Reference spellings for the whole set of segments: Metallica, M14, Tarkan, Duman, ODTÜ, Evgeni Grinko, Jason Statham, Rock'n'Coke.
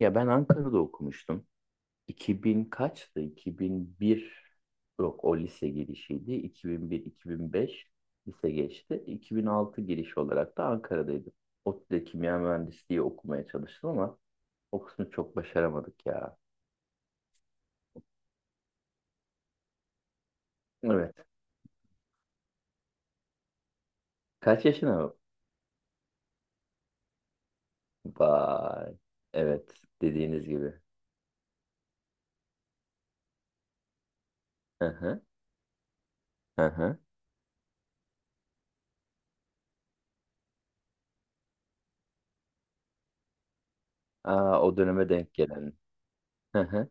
Ya ben Ankara'da okumuştum. 2000 kaçtı? 2001, yok, o lise girişiydi. 2001-2005 lise geçti. 2006 giriş olarak da Ankara'daydım. ODTÜ'de kimya mühendisliği okumaya çalıştım, ama o kısmı çok başaramadık ya. Evet. Kaç yaşına? Vay. Evet. Dediğiniz gibi. Hı hı. Hı hı. Aa, o döneme denk gelen. Hı hı.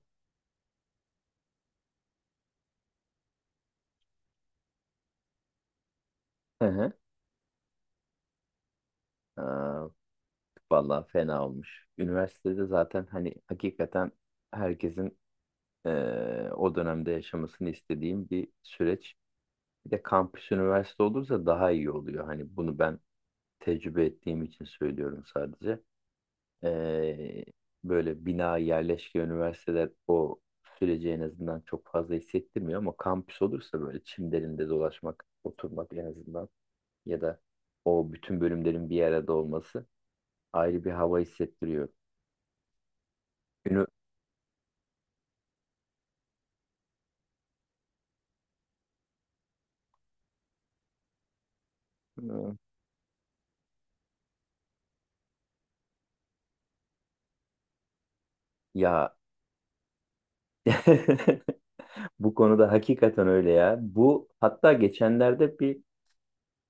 Hı hı. Aa, vallahi fena olmuş. Üniversitede zaten hani hakikaten herkesin o dönemde yaşamasını istediğim bir süreç. Bir de kampüs üniversite olursa daha iyi oluyor. Hani bunu ben tecrübe ettiğim için söylüyorum sadece. Eee, böyle bina yerleşke üniversiteler o süreci en azından çok fazla hissettirmiyor, ama kampüs olursa böyle çimlerinde dolaşmak, oturmak en azından, ya da o bütün bölümlerin bir arada olması ayrı bir hava hissettiriyor. Ünü Hı. Ya, bu konuda hakikaten öyle ya. Bu, hatta geçenlerde bir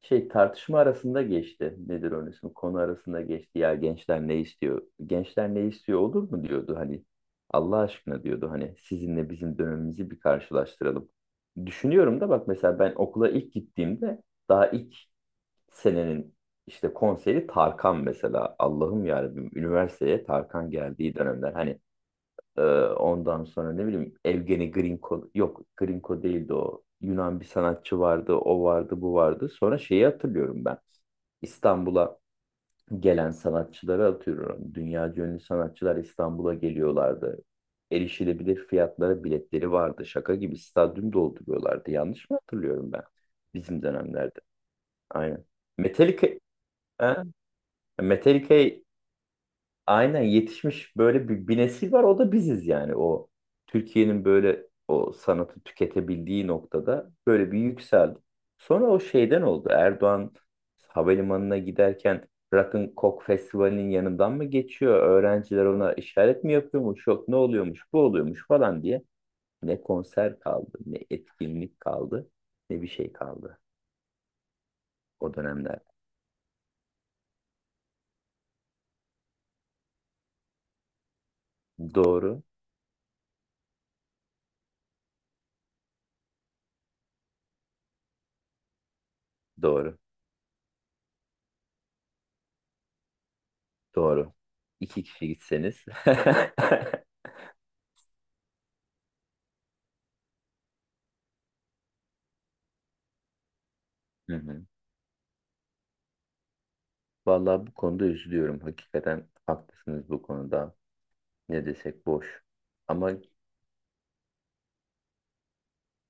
şey tartışma arasında geçti. Nedir onun ismi? Konu arasında geçti. Ya gençler ne istiyor? Gençler ne istiyor olur mu diyordu hani. Allah aşkına diyordu hani, sizinle bizim dönemimizi bir karşılaştıralım. Düşünüyorum da bak, mesela ben okula ilk gittiğimde daha ilk senenin işte konseri Tarkan mesela. Allah'ım yarabbim, üniversiteye Tarkan geldiği dönemler. Ondan sonra ne bileyim, Evgeni Grinko, yok Grinko değildi o. Yunan bir sanatçı vardı, o vardı, bu vardı. Sonra şeyi hatırlıyorum ben. İstanbul'a gelen sanatçıları atıyorum. Dünya ünlü sanatçılar İstanbul'a geliyorlardı. Erişilebilir fiyatlara biletleri vardı. Şaka gibi stadyum dolduruyorlardı. Yanlış mı hatırlıyorum ben? Bizim dönemlerde. Aynen. Metallica, ha? Metallica aynen yetişmiş böyle bir nesil var, o da biziz yani, o Türkiye'nin böyle o sanatı tüketebildiği noktada böyle bir yükseldi. Sonra o şeyden oldu, Erdoğan havalimanına giderken Rock'n'Coke Festivali'nin yanından mı geçiyor? Öğrenciler ona işaret mi yapıyormuş? Yok ne oluyormuş bu oluyormuş falan diye. Ne konser kaldı, ne etkinlik kaldı, ne bir şey kaldı o dönemler. Doğru, doğru, doğru. İki kişi gitseniz. Hı hı. Vallahi bu konuda üzülüyorum. Hakikaten haklısınız bu konuda. Ne desek boş. Ama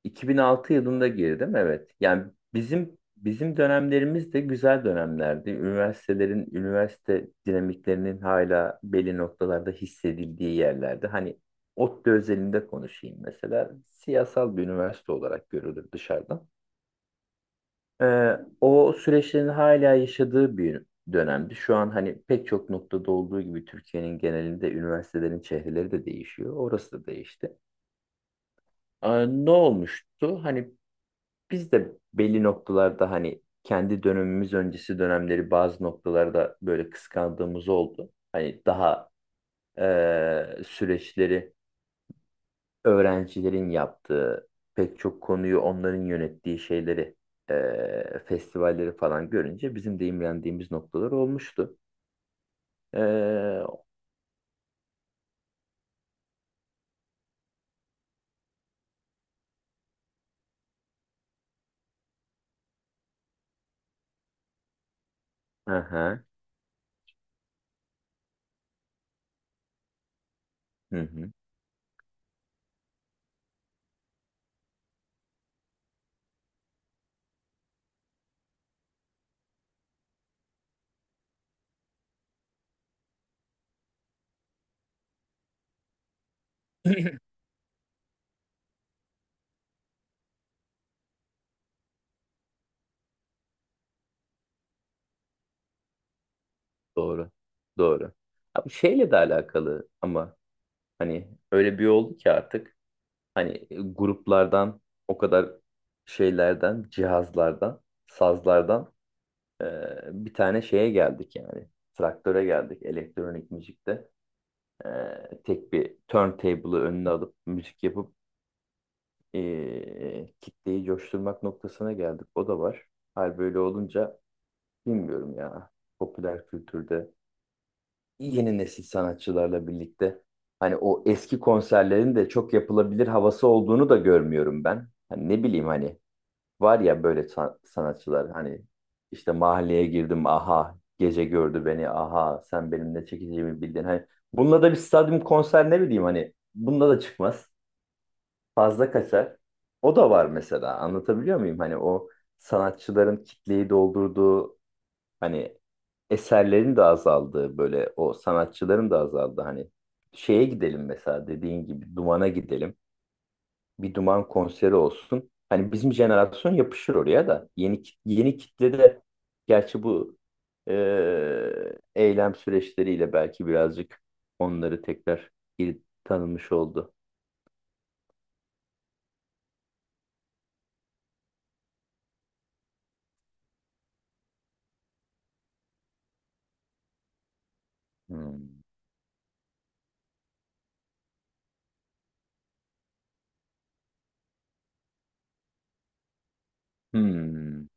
2006 yılında girdim, evet. Yani bizim dönemlerimiz de güzel dönemlerdi. Üniversitelerin üniversite dinamiklerinin hala belli noktalarda hissedildiği yerlerde. Hani ODTÜ özelinde konuşayım mesela. Siyasal bir üniversite olarak görülür dışarıdan. O süreçlerin hala yaşadığı bir dönemdi. Şu an hani pek çok noktada olduğu gibi Türkiye'nin genelinde üniversitelerin çehreleri de değişiyor. Orası da değişti. Ne olmuştu? Hani biz de belli noktalarda, hani kendi dönemimiz öncesi dönemleri bazı noktalarda böyle kıskandığımız oldu. Hani daha süreçleri öğrencilerin yaptığı, pek çok konuyu onların yönettiği şeyleri, festivalleri falan görünce bizim de imrendiğimiz noktalar olmuştu. E, aha, hı hı, doğru. Doğru. Abi şeyle de alakalı ama, hani öyle bir oldu ki artık hani gruplardan o kadar şeylerden, cihazlardan, sazlardan, e, bir tane şeye geldik yani. Traktöre geldik elektronik müzikte. Tek bir turntable'ı önüne alıp müzik yapıp, kitleyi coşturmak noktasına geldik. O da var. Hal böyle olunca bilmiyorum ya. Popüler kültürde yeni nesil sanatçılarla birlikte hani o eski konserlerin de çok yapılabilir havası olduğunu da görmüyorum ben. Hani ne bileyim hani, var ya böyle sanatçılar, hani işte mahalleye girdim aha gece gördü beni aha sen benim ne çekeceğimi bildin. Hani bununla da bir stadyum konser, ne bileyim hani bununla da çıkmaz, fazla kaçar. O da var mesela, anlatabiliyor muyum? Hani o sanatçıların kitleyi doldurduğu, hani eserlerin de azaldığı, böyle o sanatçıların da azaldığı, hani şeye gidelim mesela, dediğin gibi Duman'a gidelim, bir Duman konseri olsun. Hani bizim jenerasyon yapışır oraya da. Yeni kitlede. Gerçi bu eylem süreçleriyle belki birazcık onları tekrar geri tanımış oldu. Hmm. Hmm.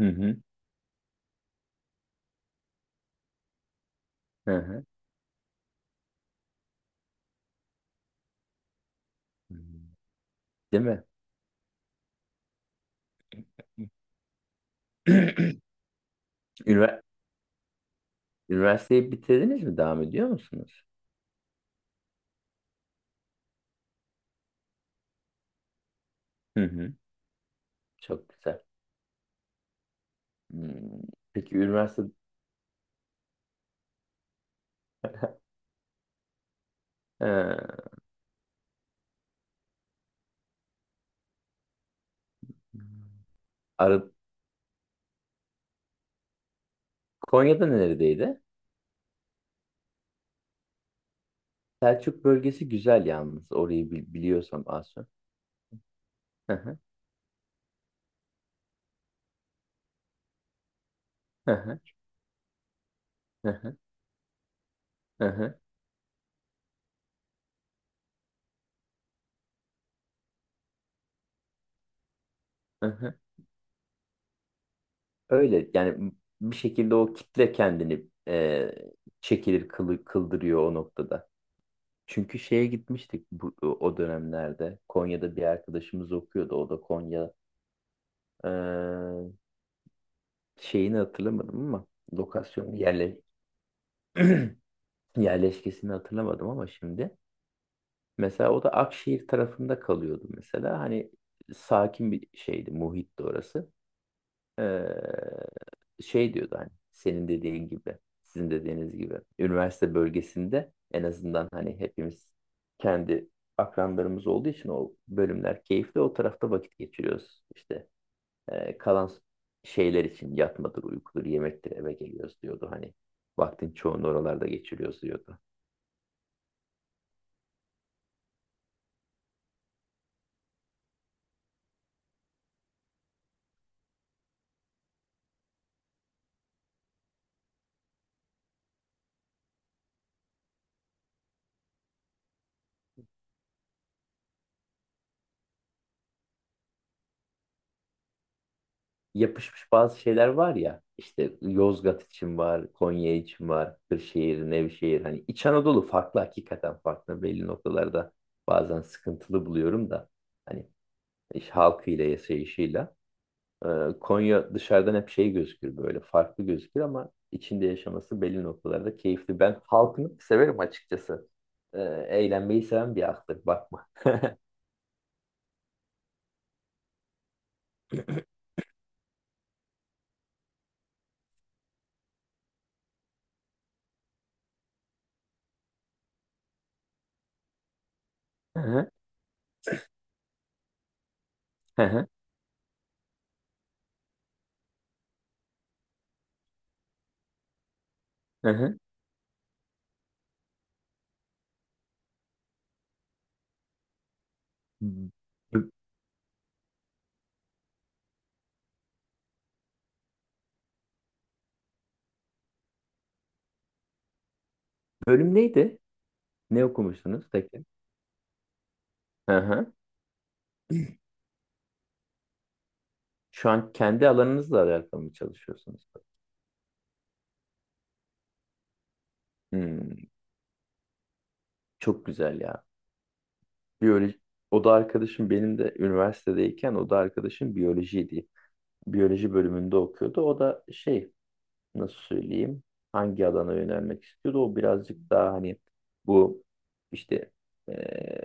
Hı hı. Hı hı. Hmm. Değil mi? Ünivers- Üniversiteyi bitirdiniz mi? Devam ediyor musunuz? Hı hı. Çok güzel. Hmm. Peki üniversite. Ee, Arı- Konya'da neredeydi? Selçuk bölgesi güzel yalnız. Orayı biliyorsam az çok. Hı hı, hı hı, hı hı, hı hı, hı hı. Öyle yani, bir şekilde o kitle kendini çekilir kıldırıyor o noktada. Çünkü şeye gitmiştik bu, o dönemlerde. Konya'da bir arkadaşımız okuyordu. O da Konya e, şeyini hatırlamadım ama lokasyonu yerleşkesini hatırlamadım ama şimdi. Mesela o da Akşehir tarafında kalıyordu mesela. Hani sakin bir şeydi, muhitti orası. Ee, şey diyordu hani, senin dediğin gibi, sizin dediğiniz gibi. Üniversite bölgesinde en azından hani hepimiz kendi akranlarımız olduğu için o bölümler keyifli. O tarafta vakit geçiriyoruz. İşte, kalan şeyler için yatmadır, uykudur, yemektir, eve geliyoruz diyordu. Hani vaktin çoğunu oralarda geçiriyoruz diyordu. Yapışmış bazı şeyler var ya. İşte Yozgat için var, Konya için var, Kırşehir, Nevşehir. Hani İç Anadolu farklı, hakikaten farklı. Belli noktalarda bazen sıkıntılı buluyorum da. Hani iş halkıyla, yaşayışıyla. Konya dışarıdan hep şey gözükür, böyle farklı gözükür, ama içinde yaşaması belli noktalarda keyifli. Ben halkını severim açıkçası. Ee, Eğlenmeyi seven bir halktır, bakma. Hı hı, hı hı, hı hı. B- bölüm neydi? Ne okumuştunuz peki? Hı hı. Şu an kendi alanınızla alakalı mı çalışıyorsunuz? Hmm, çok güzel ya. Biyoloji, o da arkadaşım, benim de üniversitedeyken o da arkadaşım biyolojiydi. Biyoloji bölümünde okuyordu. O da şey, nasıl söyleyeyim, hangi alana yönelmek istiyordu, o birazcık daha hani bu işte eee,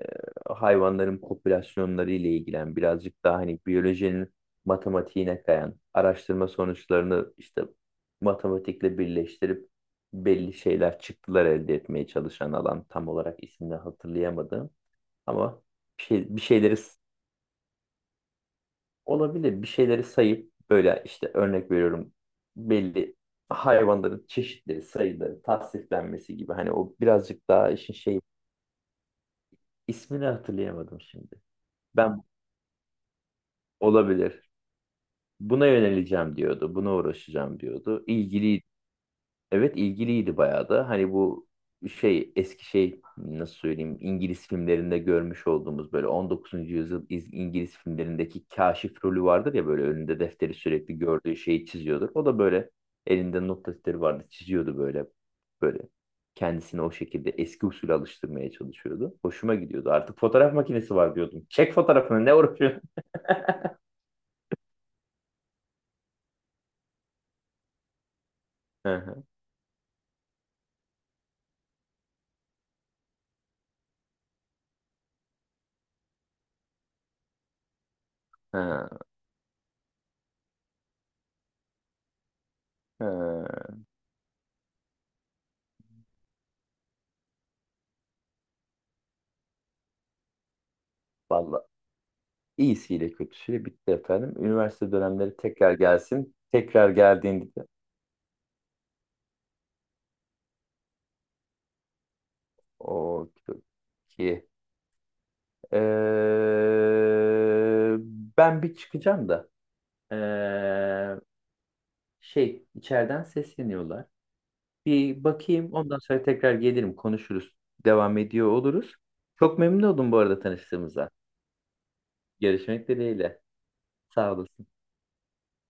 hayvanların popülasyonları ile ilgilen, birazcık daha hani biyolojinin matematiğine kayan araştırma sonuçlarını işte matematikle birleştirip belli şeyler çıktılar elde etmeye çalışan alan, tam olarak ismini hatırlayamadım ama bir, şey, bir şeyleri. Olabilir. Bir şeyleri sayıp böyle işte örnek veriyorum, belli hayvanların çeşitleri, sayıları, tasniflenmesi gibi. Hani o birazcık daha işin şey, ismini hatırlayamadım şimdi. Ben, olabilir. Buna yöneleceğim diyordu. Buna uğraşacağım diyordu. İlgiliydi. Evet ilgiliydi bayağı da. Hani bu şey, eski şey, nasıl söyleyeyim, İngiliz filmlerinde görmüş olduğumuz böyle 19. yüzyıl İngiliz filmlerindeki kaşif rolü vardır ya, böyle önünde defteri sürekli gördüğü şeyi çiziyordur. O da böyle elinde not defteri vardı, çiziyordu böyle, böyle kendisini o şekilde eski usule alıştırmaya çalışıyordu. Hoşuma gidiyordu. Artık fotoğraf makinesi var diyordum. Çek fotoğrafını, ne uğraşıyorsun? Hı hı, hı hı. Vallahi İyisiyle kötüsüyle bitti efendim. Üniversite dönemleri tekrar gelsin. Tekrar geldiğinde de o ki. Ee, Ben bir çıkacağım da. Ee, şey içeriden sesleniyorlar. Bir bakayım, ondan sonra tekrar gelirim konuşuruz. Devam ediyor oluruz. Çok memnun oldum bu arada tanıştığımıza. Görüşmek dileğiyle. Sağ olasın.